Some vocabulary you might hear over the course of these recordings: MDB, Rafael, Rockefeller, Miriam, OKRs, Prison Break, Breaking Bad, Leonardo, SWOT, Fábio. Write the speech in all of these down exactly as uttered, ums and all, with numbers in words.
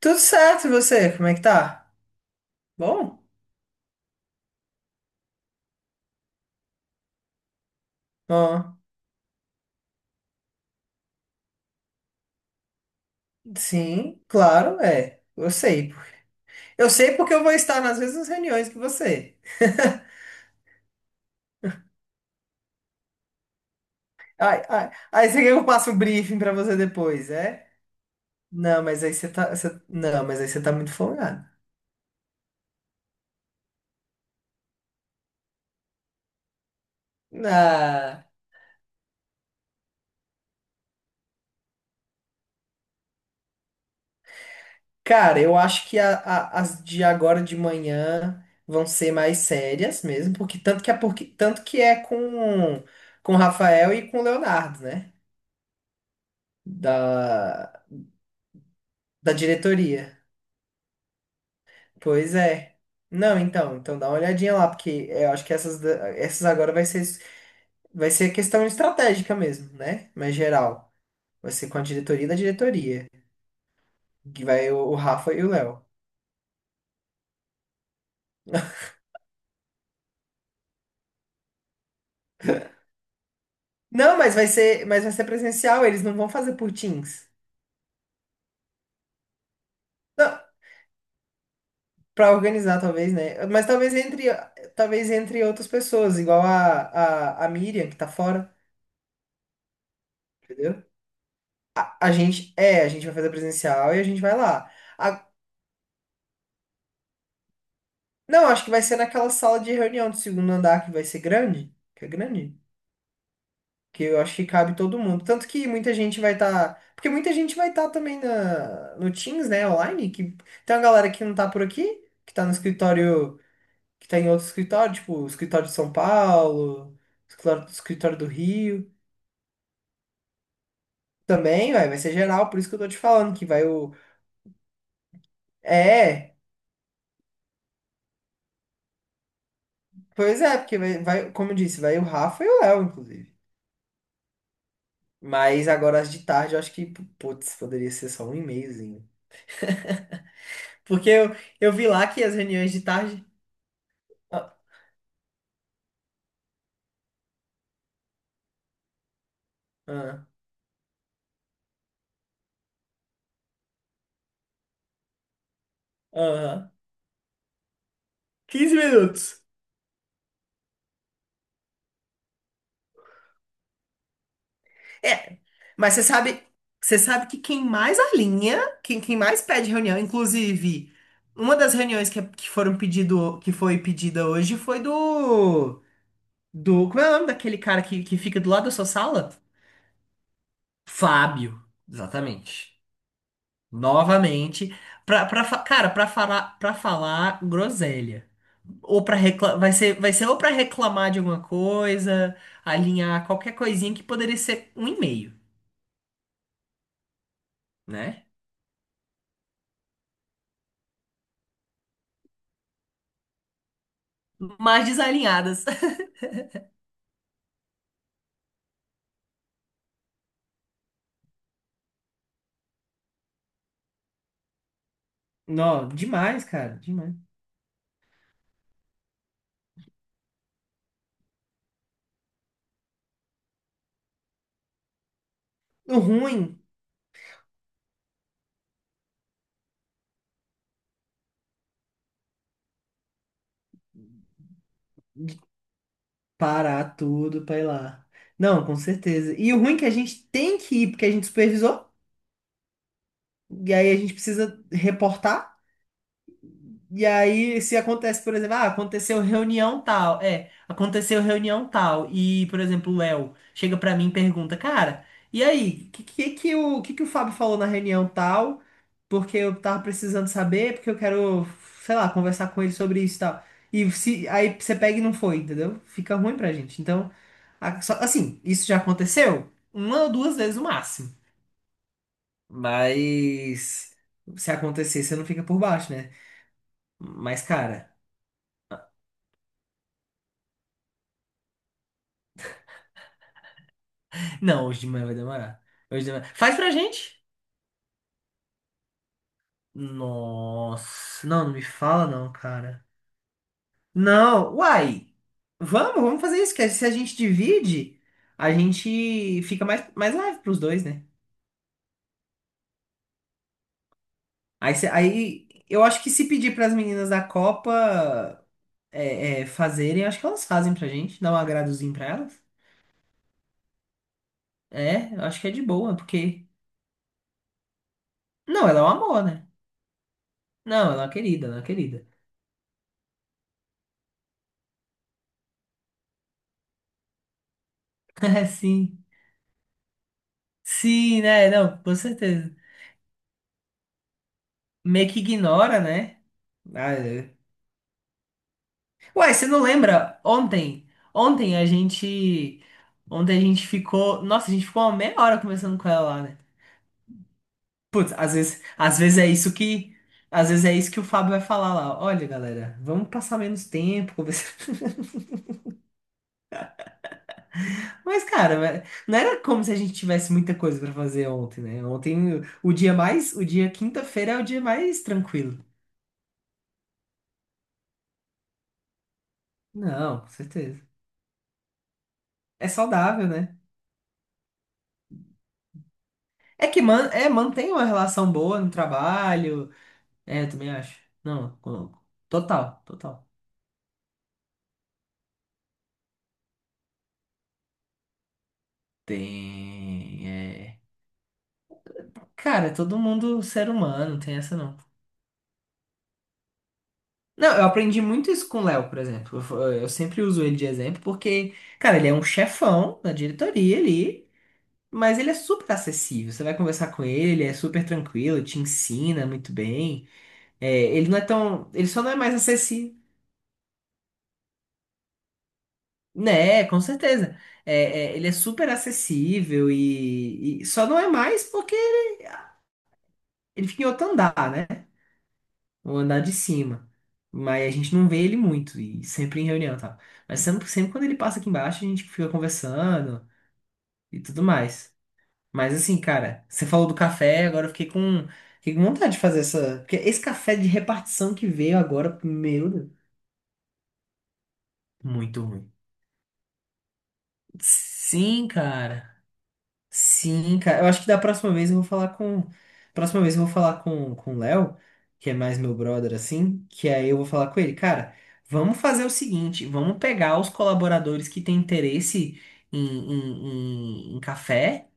Tudo certo, e você? Como é que tá? Bom? Ó, sim, claro, é. Eu sei. Eu sei porque eu vou estar nas mesmas reuniões que você. Ai, ai, aí você quer que eu passe um briefing pra você depois, é? Não, mas aí você tá. você- Não, mas aí você tá muito folgado. Ah, cara, eu acho que a- a- as de agora de manhã vão ser mais sérias mesmo, porque tanto que é, porque, tanto que é com, com o Rafael e com o Leonardo, né? Da, da diretoria. Pois é. Não, então, então dá uma olhadinha lá, porque é, eu acho que essas, da- essas agora vai ser, vai ser questão estratégica mesmo, né? Mas geral. Vai ser com a diretoria da diretoria. Que vai o, o Rafa e o Léo. Não, mas vai ser, mas vai ser presencial, eles não vão fazer por Teams. Não, pra organizar, talvez, né? Mas talvez entre, talvez entre outras pessoas, igual a, a, a Miriam, que tá fora, entendeu? A, a gente, é, a gente vai fazer presencial e a gente vai lá. Não, acho que vai ser naquela sala de reunião do segundo andar que vai ser grande, que é grande, que eu acho que cabe todo mundo. Tanto que muita gente vai estar, porque muita gente vai estar também na no Teams, né, online, que tem uma galera que não tá por aqui, que tá no escritório, que tá em outro escritório, tipo, o escritório de São Paulo, escritório, escritório do Rio. Também, vai, vai ser geral, por isso que eu tô te falando que vai o. É, pois é, porque vai, vai, como eu disse, vai o Rafa e o Léo, inclusive. Mas agora as de tarde eu acho que, putz, poderia ser só um e-mailzinho. Porque eu, eu vi lá que as reuniões de tarde. Ah, ah, ah, quinze minutos. É, mas você sabe, você sabe que quem mais alinha, quem, quem mais pede reunião, inclusive, uma das reuniões que, é, que foram pedido, que foi pedida hoje foi do, do, como é o nome daquele cara que, que fica do lado da sua sala? Fábio, exatamente. Novamente, pra, pra, fa- cara, pra falar, pra falar groselha. Ou pra reclamar, vai ser, vai ser ou pra reclamar de alguma coisa, alinhar qualquer coisinha que poderia ser um e-mail, né? Mas desalinhadas. Não, demais, cara, demais. O ruim, parar tudo pra ir lá. Não, com certeza. E o ruim é que a gente tem que ir, porque a gente supervisou, e aí a gente precisa reportar. E aí, se acontece, por exemplo, ah, aconteceu reunião tal, é, aconteceu reunião tal, e, por exemplo, o Léo chega pra mim e pergunta, cara, e aí, que, que, que, o, que, que o Fábio falou na reunião tal? Porque eu tava precisando saber, porque eu quero, sei lá, conversar com ele sobre isso e tal. E se, aí você pega e não foi, entendeu? Fica ruim pra gente. Então, a- só- assim, isso já aconteceu uma ou duas vezes no máximo. Mas se acontecer, você não fica por baixo, né? Mas, cara. Não, hoje de manhã vai demorar. Hoje de manhã. Faz pra gente? Nossa, não, não me fala não, cara. Não, uai. Vamos, vamos fazer isso, que se a gente divide, a gente fica mais, mais leve pros dois, né? Aí, cê- aí eu acho que se pedir pras meninas da Copa é, é, fazerem, acho que elas fazem pra gente, dá um agradozinho pra elas. É, eu acho que é de boa, porque. Não, ela é um amor, né? Não, ela é uma querida, ela é uma querida. É, sim. Sim, né? Não, com certeza. Meio que ignora, né? Ah, é. Ué, você não lembra? Ontem, ontem a gente, ontem a gente ficou, nossa, a gente ficou uma meia hora conversando com ela lá, né? Putz, às vezes, às vezes é isso que, às vezes é isso que o Fábio vai falar lá. Olha, galera, vamos passar menos tempo conversando. Mas, cara, mas não era como se a gente tivesse muita coisa pra fazer ontem, né? Ontem, o dia mais, o dia quinta-feira é o dia mais tranquilo. Não, com certeza. É saudável, né? É que man, é, mantém uma relação boa no trabalho. É, eu também acho. Não, com- total, total. Tem. É... Cara, é todo mundo ser humano, não tem essa não. Não, eu aprendi muito isso com o Léo, por exemplo. Eu, fa- eu sempre uso ele de exemplo porque, cara, ele é um chefão da diretoria ali, mas ele é super acessível. Você vai conversar com ele, ele é super tranquilo, te ensina muito bem. É, ele não é tão. Ele só não é mais acessível. Né, com certeza. É, é, ele é super acessível e, e só não é mais porque ele fica em outro andar, né? O andar de cima. Mas a gente não vê ele muito e sempre em reunião, e tal. Mas sempre, sempre quando ele passa aqui embaixo, a gente fica conversando e tudo mais. Mas assim, cara, você falou do café, agora eu fiquei com, fiquei com vontade de fazer essa. Porque esse café de repartição que veio agora, meu Deus, muito ruim. Sim, cara. Sim, cara. Eu acho que da próxima vez eu vou falar com. Próxima vez eu vou falar com, com o Léo, que é mais meu brother, assim. Que aí eu vou falar com ele, cara, vamos fazer o seguinte: vamos pegar os colaboradores que têm interesse em, em, em, em café,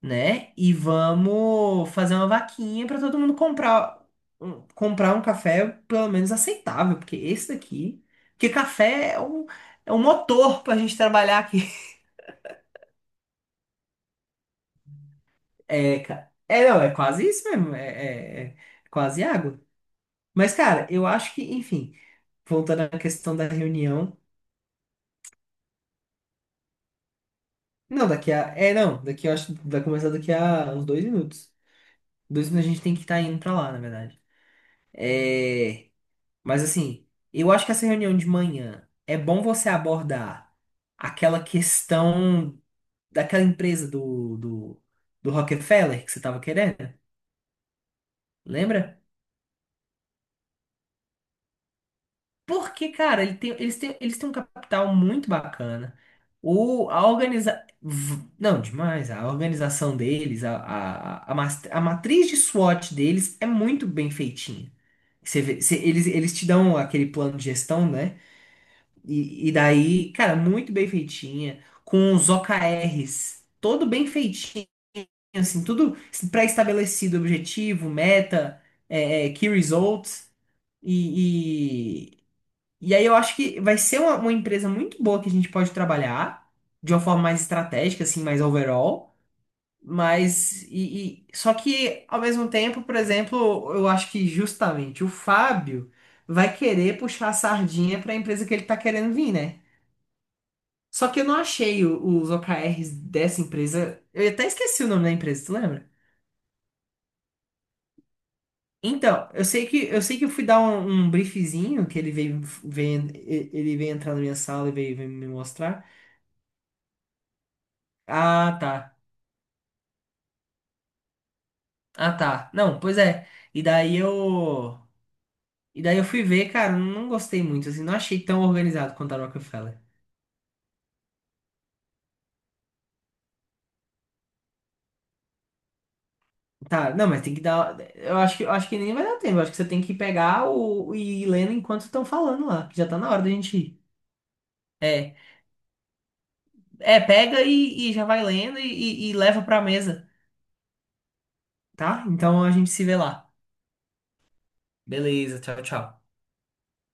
né? E vamos fazer uma vaquinha para todo mundo comprar, um- comprar um café pelo menos aceitável, porque esse daqui. Porque café é um, é um motor pra gente trabalhar aqui. É, ca- é, não, é quase isso mesmo. É, é- é quase água. Mas, cara, eu acho que, enfim, voltando à questão da reunião. Não, daqui a. É, não, daqui eu acho que vai começar daqui a uns dois minutos. Dois minutos a gente tem que estar indo pra lá, na verdade. É, mas, assim, eu acho que essa reunião de manhã é bom você abordar aquela questão daquela empresa do, do, do Rockefeller que você tava querendo. Lembra? Porque, cara, ele tem- eles têm, eles têm um capital muito bacana. O, a organiza... v- Não, demais. A organização deles, a, a, a, mas- a matriz de SWOT deles é muito bem feitinha. Você vê- você- eles, eles te dão aquele plano de gestão, né? E, e daí, cara, muito bem feitinha. Com os O K Rs, todo bem feitinho, assim, tudo pré-estabelecido, objetivo, meta, é, é, key results. e e aí eu acho que vai ser uma, uma empresa muito boa que a gente pode trabalhar de uma forma mais estratégica, assim, mais overall. Mas e, e- só que ao mesmo tempo, por exemplo, eu acho que justamente o Fábio vai querer puxar a sardinha para a empresa que ele tá querendo vir, né? Só que eu não achei o- os O K Rs dessa empresa. Eu até esqueci o nome da empresa, tu lembra? Então, eu sei que eu sei que eu fui dar um, um briefzinho que ele veio, veio ele veio entrar na minha sala e veio veio me mostrar. Ah, tá. Ah, tá. Não, pois é. E daí eu. E daí eu fui ver, cara, não gostei muito, assim, não achei tão organizado quanto a Rockefeller. Tá, não, mas tem que dar. Eu acho que, eu acho que nem vai dar tempo. Eu acho que você tem que pegar o, e ir lendo enquanto estão falando lá, que já tá na hora da gente ir. É. É, pega e, e já vai lendo e, e e leva pra mesa, tá? Então a gente se vê lá. Beleza, tchau, tchau.